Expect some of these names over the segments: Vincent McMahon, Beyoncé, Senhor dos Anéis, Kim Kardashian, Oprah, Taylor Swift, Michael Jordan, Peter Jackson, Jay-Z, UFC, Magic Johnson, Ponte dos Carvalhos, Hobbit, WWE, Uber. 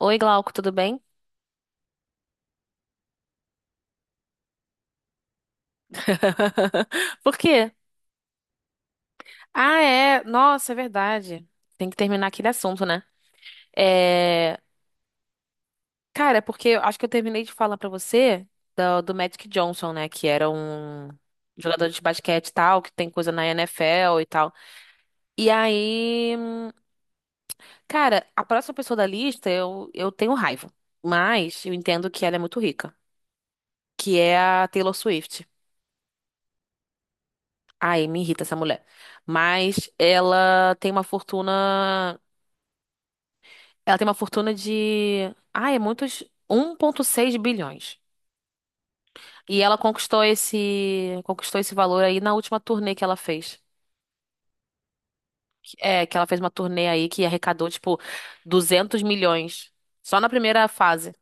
Oi, Glauco, tudo bem? Por quê? Ah, é. Nossa, é verdade. Tem que terminar aquele assunto, né? É. Cara, é porque eu acho que eu terminei de falar pra você do Magic Johnson, né? Que era um jogador de basquete e tal, que tem coisa na NFL e tal. E aí, cara, a próxima pessoa da lista eu tenho raiva. Mas eu entendo que ela é muito rica, que é a Taylor Swift. Ai, me irrita essa mulher. Mas ela tem uma fortuna. Ela tem uma fortuna de. Ah, é muitos. 1,6 bilhões. E ela conquistou esse valor aí na última turnê que ela fez. É, que ela fez uma turnê aí que arrecadou, tipo, 200 milhões. Só na primeira fase.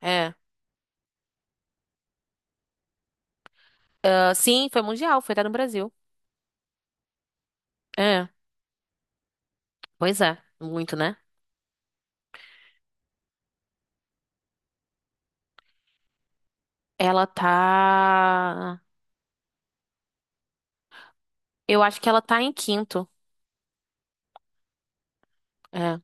É. Ah, sim, foi mundial, foi até no Brasil. É. Pois é, muito, né? Ela tá. Eu acho que ela tá em quinto. É.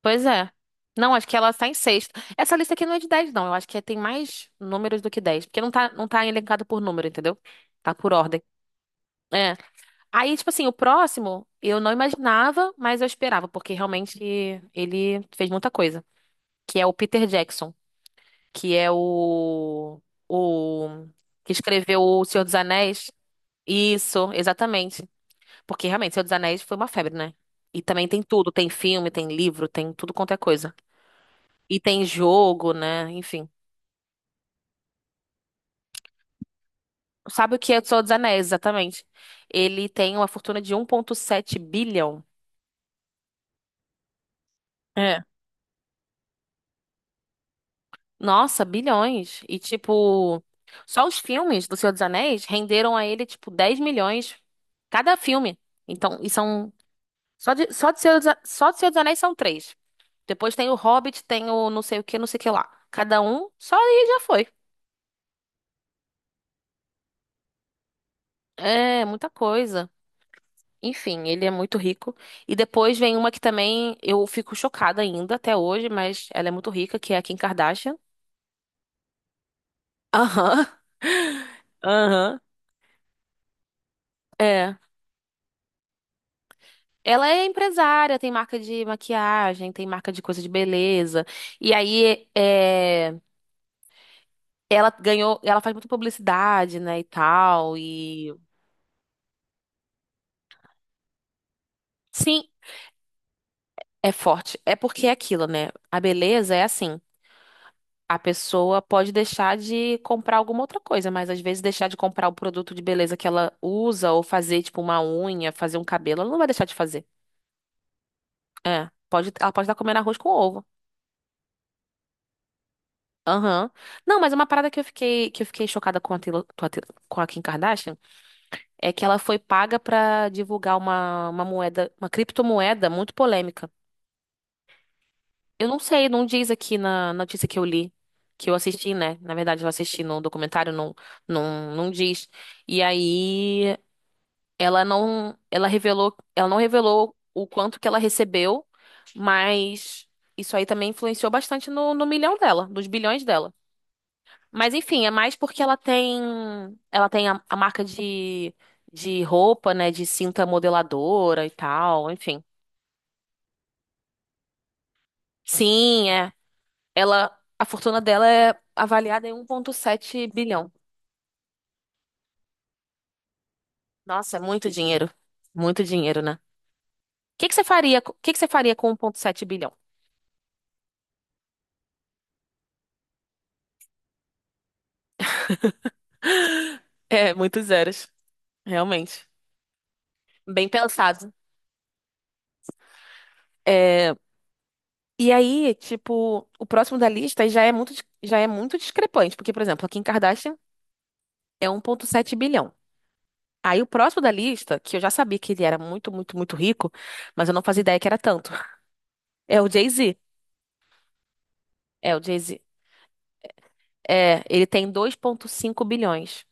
Pois é. Não, acho que ela está em sexto. Essa lista aqui não é de 10 não. Eu acho que tem mais números do que 10. Porque não tá elencado por número, entendeu? Tá por ordem. É. Aí, tipo assim, o próximo eu não imaginava, mas eu esperava, porque realmente ele fez muita coisa. Que é o Peter Jackson, que é o que escreveu O Senhor dos Anéis. Isso, exatamente. Porque realmente, Senhor dos Anéis foi uma febre, né? E também tem tudo, tem filme, tem livro, tem tudo quanto é coisa. E tem jogo, né? Enfim. Sabe o que é o Senhor dos Anéis, exatamente? Ele tem uma fortuna de 1,7 bilhão. É. Nossa, bilhões. E, tipo, só os filmes do Senhor dos Anéis renderam a ele, tipo, 10 milhões cada filme. Então, e são. Só de Senhor dos Anéis são três. Depois tem o Hobbit, tem o não sei o que, não sei o que lá. Cada um, só aí já foi. É, muita coisa. Enfim, ele é muito rico. E depois vem uma que também eu fico chocada ainda até hoje, mas ela é muito rica, que é a Kim Kardashian. Aham. Aham. É. Ela é empresária, tem marca de maquiagem, tem marca de coisa de beleza. E aí, é, ela ganhou, ela faz muita publicidade, né, e tal. E sim, é forte. É porque é aquilo, né? A beleza é assim. A pessoa pode deixar de comprar alguma outra coisa, mas às vezes deixar de comprar o produto de beleza que ela usa ou fazer tipo uma unha, fazer um cabelo, ela não vai deixar de fazer. É, pode, ela pode estar comendo arroz com ovo. Aham. Não, mas uma parada que eu fiquei chocada com com a Kim Kardashian é que ela foi paga pra divulgar uma moeda, uma criptomoeda muito polêmica. Eu não sei, não diz aqui na notícia que eu li, que eu assisti, né? Na verdade, eu assisti no documentário, não, não, não diz. E aí. Ela não, ela revelou, ela não revelou o quanto que ela recebeu, mas isso aí também influenciou bastante no milhão dela, nos bilhões dela. Mas enfim, é mais porque ela tem a marca de, roupa, né, de cinta modeladora e tal, enfim. Sim, é. Ela, a fortuna dela é avaliada em 1,7 bilhão. Nossa, é muito dinheiro. Muito dinheiro, né? O que que você faria, o que que você faria com 1,7 bilhão? É, muitos zeros, realmente. Bem pensado. É. E aí, tipo, o próximo da lista já é muito discrepante, porque, por exemplo, a Kim Kardashian é 1.7 bilhão. Aí o próximo da lista, que eu já sabia que ele era muito, muito, muito rico, mas eu não fazia ideia que era tanto, é o Jay-Z. É, o Jay-Z. É, ele tem 2.5 bilhões.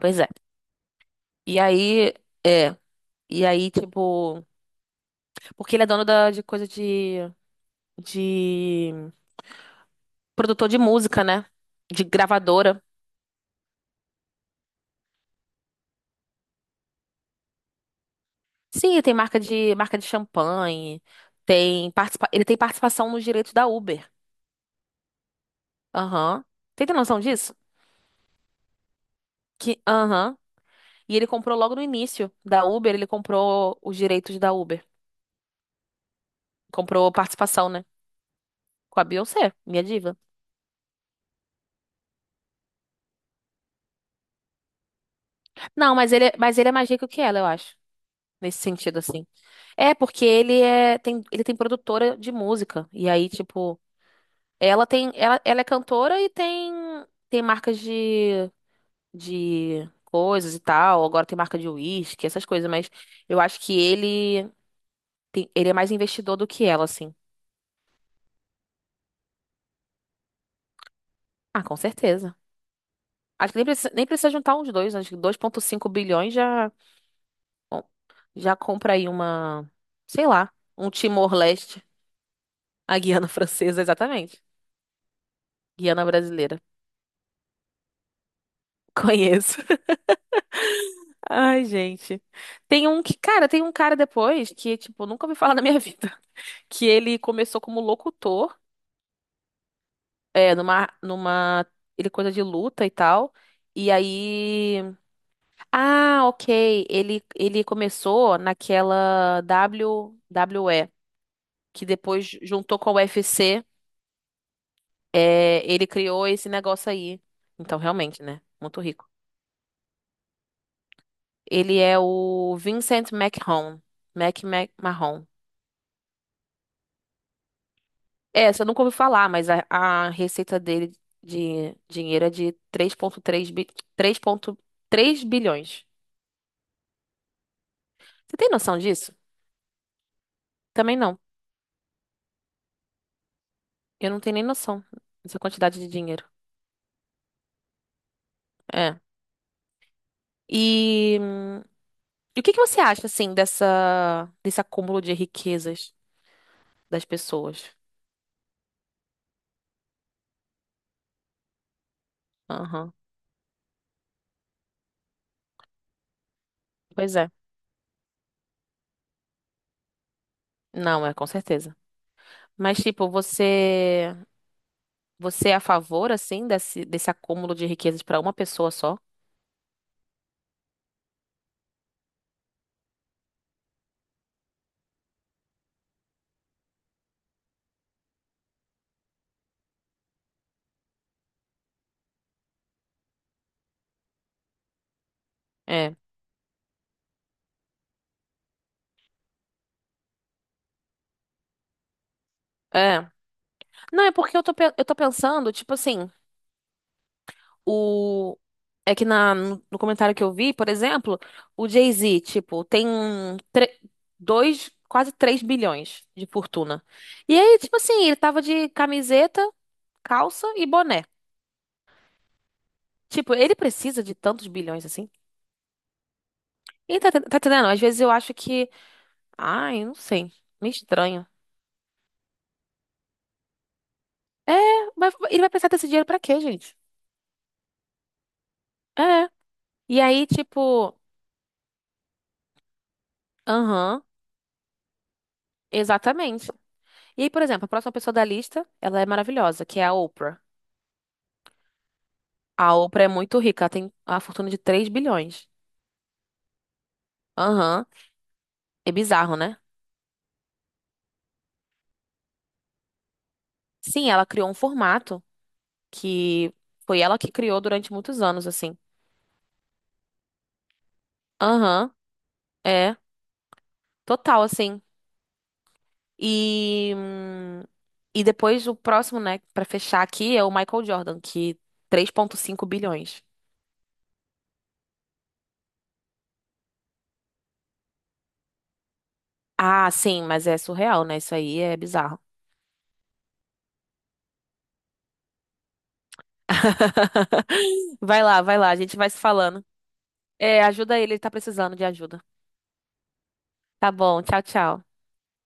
Pois é. E aí, é. E aí, tipo, porque ele é dono da, de coisa de produtor de música, né? De gravadora. Sim, tem marca de champanhe, tem participa... ele tem participação nos direitos da Uber. Aham. Tem ter noção disso? Que aham. E ele comprou logo no início da Uber, ele comprou os direitos da Uber. Comprou participação, né? Com a Beyoncé, minha diva. Não, mas ele é mais rico que ela, eu acho. Nesse sentido, assim. É, porque ele é, tem, ele tem produtora de música. E aí, tipo, ela é cantora e tem marcas de coisas e tal. Agora tem marca de uísque, essas coisas, mas eu acho que ele tem- ele é mais investidor do que ela, assim. Ah, com certeza. Acho que nem precisa, nem precisa juntar uns dois, acho que 2,5 bilhões já bom, já compra aí uma, sei lá, um Timor-Leste, a Guiana Francesa, exatamente. Guiana brasileira. Conheço. Ai, gente. Tem um que, cara, tem um cara depois que, tipo, nunca ouvi falar na minha vida. Que ele começou como locutor. É, numa. Ele coisa de luta e tal. E aí. Ah, ok. Ele começou naquela WWE, que depois juntou com a UFC. É, ele criou esse negócio aí. Então, realmente, né? Muito rico. Ele é o Vincent McMahon. Mac, Mac, Mahon. É, você nunca ouviu falar, mas a receita dele de dinheiro é de 3,3 bilhões. Você tem noção disso? Também não. Eu não tenho nem noção dessa quantidade de dinheiro. É. E, e o que que você acha, assim, desse acúmulo de riquezas das pessoas? Aham. Pois é. Não, é, com certeza. Mas, tipo, você é a favor, assim, desse acúmulo de riquezas pra uma pessoa só? É. É. Não, é porque eu tô, eu tô pensando, tipo assim. O é que na no no comentário que eu vi, por exemplo, o Jay-Z, tipo, tem tre- dois, quase 3 bilhões de fortuna. E aí, tipo assim, ele tava de camiseta, calça e boné. Tipo, ele precisa de tantos bilhões assim? E tá entendendo? Às vezes eu acho que, ai, não sei, me estranho. É, mas ele vai precisar desse dinheiro pra quê, gente? É. E aí, tipo, aham, exatamente. E aí, por exemplo, a próxima pessoa da lista, ela é maravilhosa, que é a Oprah. A Oprah é muito rica, ela tem a fortuna de 3 bilhões. Aham. É bizarro, né? Sim, ela criou um formato que foi ela que criou durante muitos anos, assim. Aham. É total, assim. E, hum, e depois o próximo, né, pra fechar aqui é o Michael Jordan, que 3,5 bilhões. Ah, sim, mas é surreal, né? Isso aí é bizarro. Vai lá, a gente vai se falando. É, ajuda ele, ele tá precisando de ajuda. Tá bom, tchau, tchau.